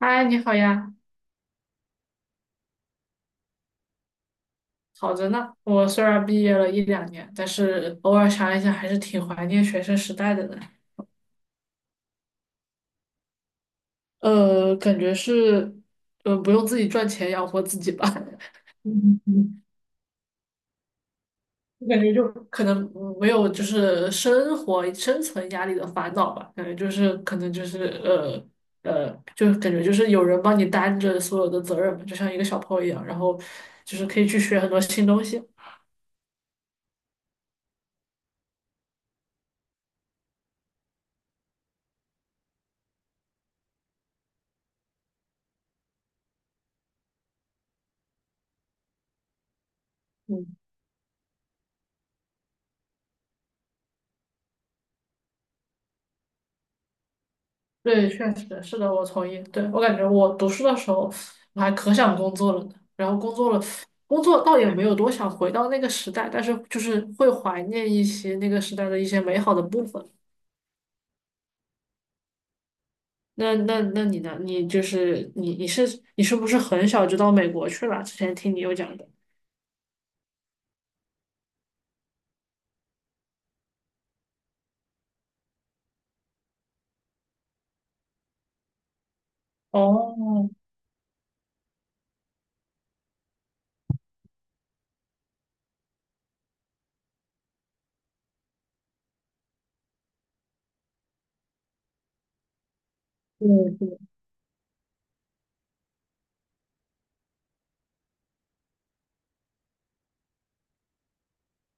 嗨，你好呀，好着呢。我虽然毕业了一两年，但是偶尔想一想，还是挺怀念学生时代的呢。感觉是，不用自己赚钱养活自己吧。嗯嗯，我感觉就可能没有就是生活生存压力的烦恼吧，感觉就是可能就是,就感觉就是有人帮你担着所有的责任嘛，就像一个小朋友一样，然后就是可以去学很多新东西。嗯。对，确实是的，我同意。对，我感觉我读书的时候，我还可想工作了呢。然后工作了，工作倒也没有多想回到那个时代，但是就是会怀念一些那个时代的一些美好的部分。那你呢？你就是你你是你是不是很小就到美国去了？之前听你有讲的。哦，对对，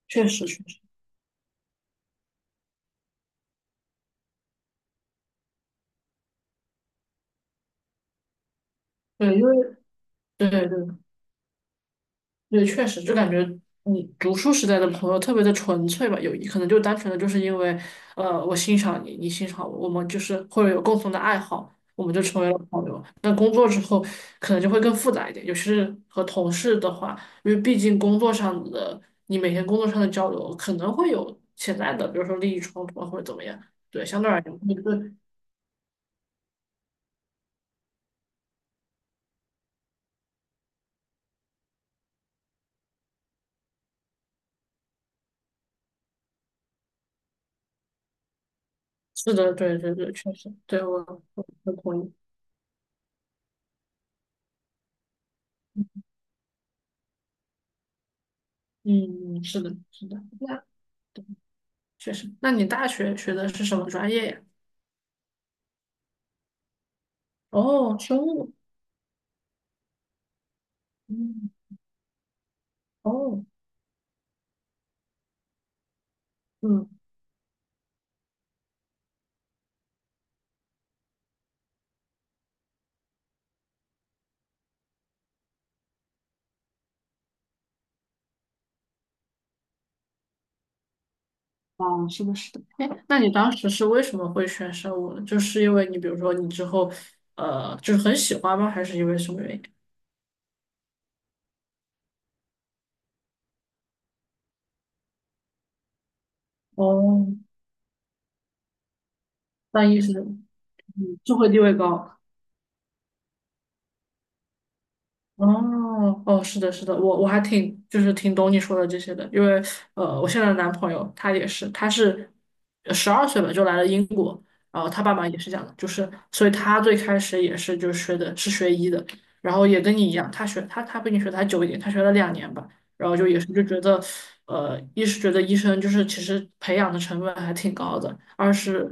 确实确实，对，因为对对对，对，确实，就感觉你读书时代的朋友特别的纯粹吧，有可能就单纯的就是因为，我欣赏你，你欣赏我，我们就是或者有共同的爱好，我们就成为了朋友。那工作之后，可能就会更复杂一点，尤其是和同事的话，因为毕竟工作上的你每天工作上的交流可能会有潜在的，比如说利益冲突啊或者怎么样。对，相对而言，对，是的，对对对，确实，对,我同意，嗯，是的，是的。那确实。那你大学学的是什么专业呀？哦，生物。嗯，哦，嗯，哦，是的，是的。哎，那你当时是为什么会选生物呢？就是因为你比如说你之后，就是很喜欢吗？还是因为什么原因？哦，当医生，嗯，社会地位高。哦哦，是的，是的，我还挺就是挺懂你说的这些的，因为我现在的男朋友他也是，他是12岁吧就来了英国，然后他爸妈也是这样的，就是所以他最开始也是就是学的是学医的，然后也跟你一样，他比你学的还久一点，他学了两年吧。然后就也是就觉得，一是觉得医生就是其实培养的成本还挺高的，二是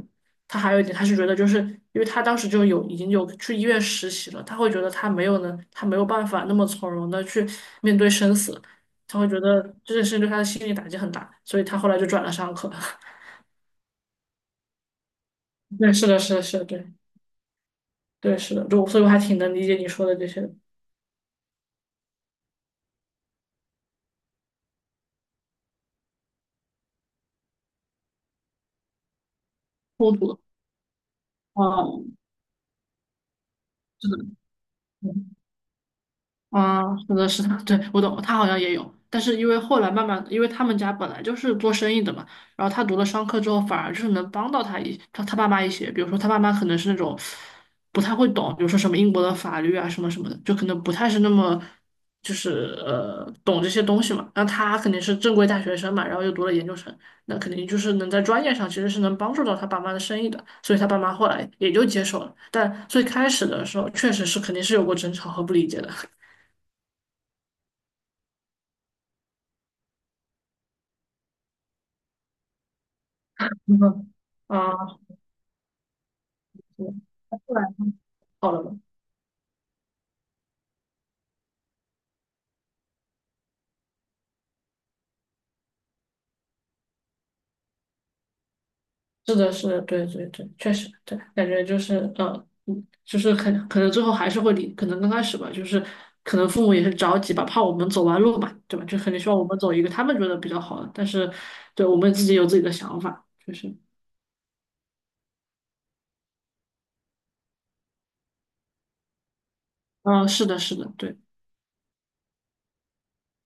他还有一点，他是觉得就是因为他当时就有已经有去医院实习了，他会觉得他没有能，他没有办法那么从容的去面对生死，他会觉得这件事情对他的心理打击很大，所以他后来就转了上课。对，是的，是的，是的，对，对，是的，就所以我还挺能理解你说的这些孤独的。这是的，啊，是的，是的，对，我懂，他好像也有，但是因为后来慢慢，因为他们家本来就是做生意的嘛，然后他读了商科之后，反而就是能帮到他爸妈一些，比如说他爸妈可能是那种不太会懂，比如说什么英国的法律啊什么什么的，就可能不太是那么就是懂这些东西嘛。那他肯定是正规大学生嘛，然后又读了研究生，那肯定就是能在专业上其实是能帮助到他爸妈的生意的，所以他爸妈后来也就接受了。但最开始的时候，确实是肯定是有过争吵和不理解的。嗯哼啊，是的后来好了吗？是的，是的，对对对，确实，对，感觉就是嗯就是可能最后还是会离，可能刚开始吧，就是可能父母也是着急吧，怕我们走弯路嘛，对吧？就肯定希望我们走一个他们觉得比较好的，但是对我们自己有自己的想法，就是，嗯、是的，是的，对。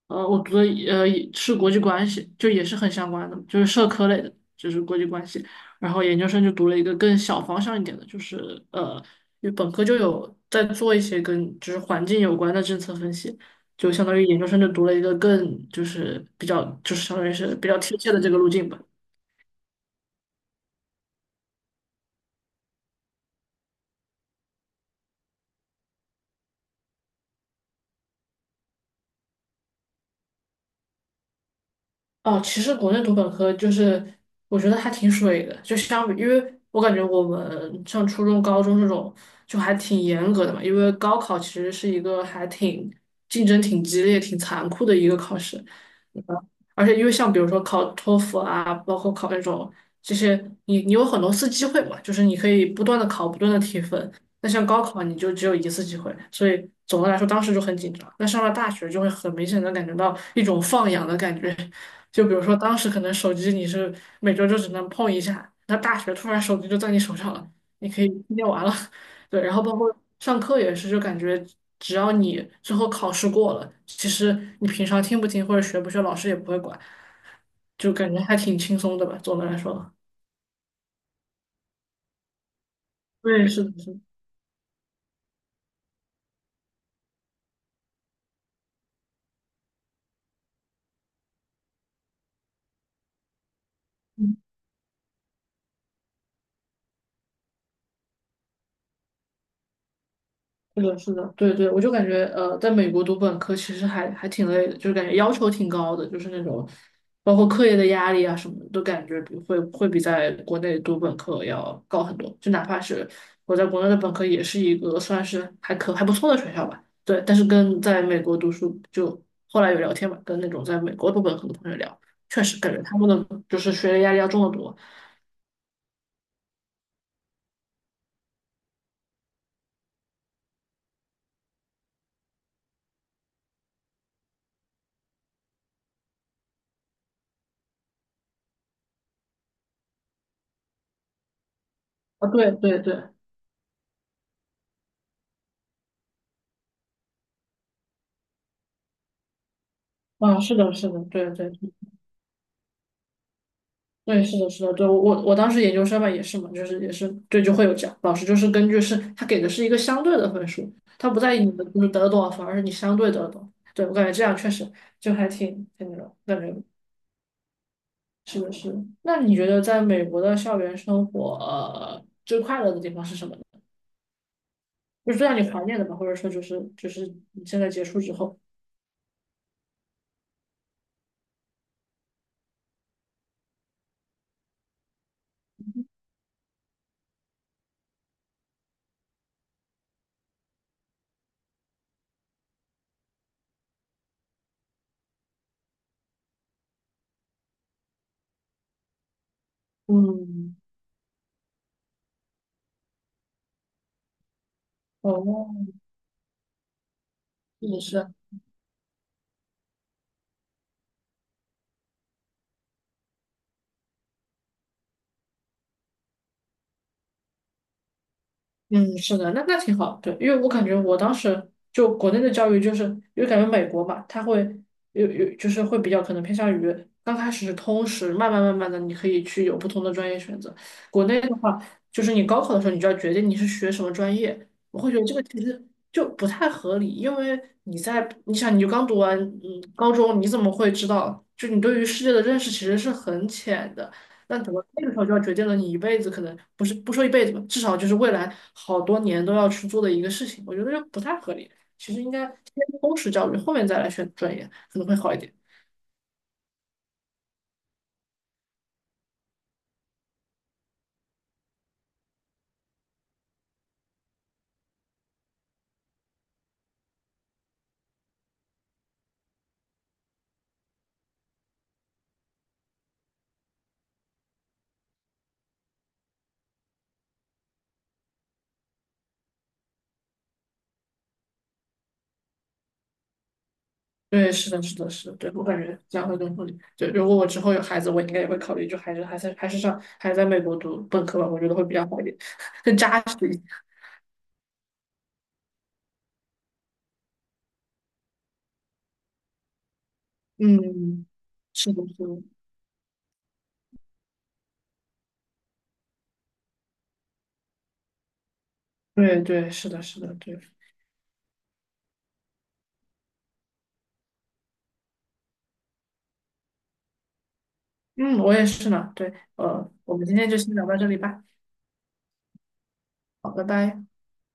我读的呃是国际关系，就也是很相关的，就是社科类的，就是国际关系。然后研究生就读了一个更小方向一点的，就是呃，因为本科就有在做一些跟就是环境有关的政策分析，就相当于研究生就读了一个更就是比较就是相当于是比较贴切的这个路径吧。哦，其实国内读本科就是，我觉得还挺水的，就相比，因为我感觉我们上初中、高中这种就还挺严格的嘛，因为高考其实是一个还挺竞争挺激烈、挺残酷的一个考试，嗯而且因为像比如说考托福啊，包括考那种这些，你有很多次机会嘛，就是你可以不断的考、不断的提分，那像高考你就只有一次机会，所以总的来说当时就很紧张。那上了大学就会很明显的感觉到一种放养的感觉，就比如说当时可能手机你是每周就只能碰一下，那大学突然手机就在你手上了，你可以一天玩了。对，然后包括上课也是，就感觉只要你最后考试过了，其实你平常听不听或者学不学，老师也不会管，就感觉还挺轻松的吧，总的来说。对，是的，是的。是的，是的，对对，我就感觉在美国读本科其实还挺累的，就是感觉要求挺高的，就是那种包括课业的压力啊什么的，都感觉会比在国内读本科要高很多。就哪怕是我在国内的本科，也是一个算是还不错的学校吧，对。但是跟在美国读书，就后来有聊天嘛，跟那种在美国读本科的同学聊，确实感觉他们的就是学业压力要重得多。啊，对对对，啊，是的，是的，对对，对，是的，是的，对，我当时研究生嘛，也是嘛，就是也是，对，就会有这样，老师就是根据是他给的是一个相对的分数，他不在意你的就是得多少分，而是你相对得了多少。对，我感觉这样确实就还挺挺那种感觉，是的，是的。那你觉得在美国的校园生活，最快乐的地方是什么呢？就是最让你怀念的吧，或者说就是你现在结束之后，嗯，哦，是的是的嗯，是的，那那挺好，对，因为我感觉我当时就国内的教育，就是因为感觉美国嘛，它会有就是会比较可能偏向于刚开始是通识，慢慢的你可以去有不同的专业选择。国内的话，就是你高考的时候你就要决定你是学什么专业，我会觉得这个其实就不太合理，因为你在你想你就刚读完嗯高中，你怎么会知道？就你对于世界的认识其实是很浅的。那怎么那个时候就要决定了你一辈子可能不是不说一辈子吧，至少就是未来好多年都要去做的一个事情，我觉得就不太合理。其实应该先通识教育，后面再来选专业可能会好一点。对，是的，是的，是的，对，我感觉这样会更合理。对，如果我之后有孩子，我应该也会考虑，就还是还是还是上还是在美国读本科吧，我觉得会比较好一点，更扎实一点。嗯，是的，是的，对对，是的，是的，对，嗯，我也是呢，对，我们今天就先聊到这里吧，好，拜拜。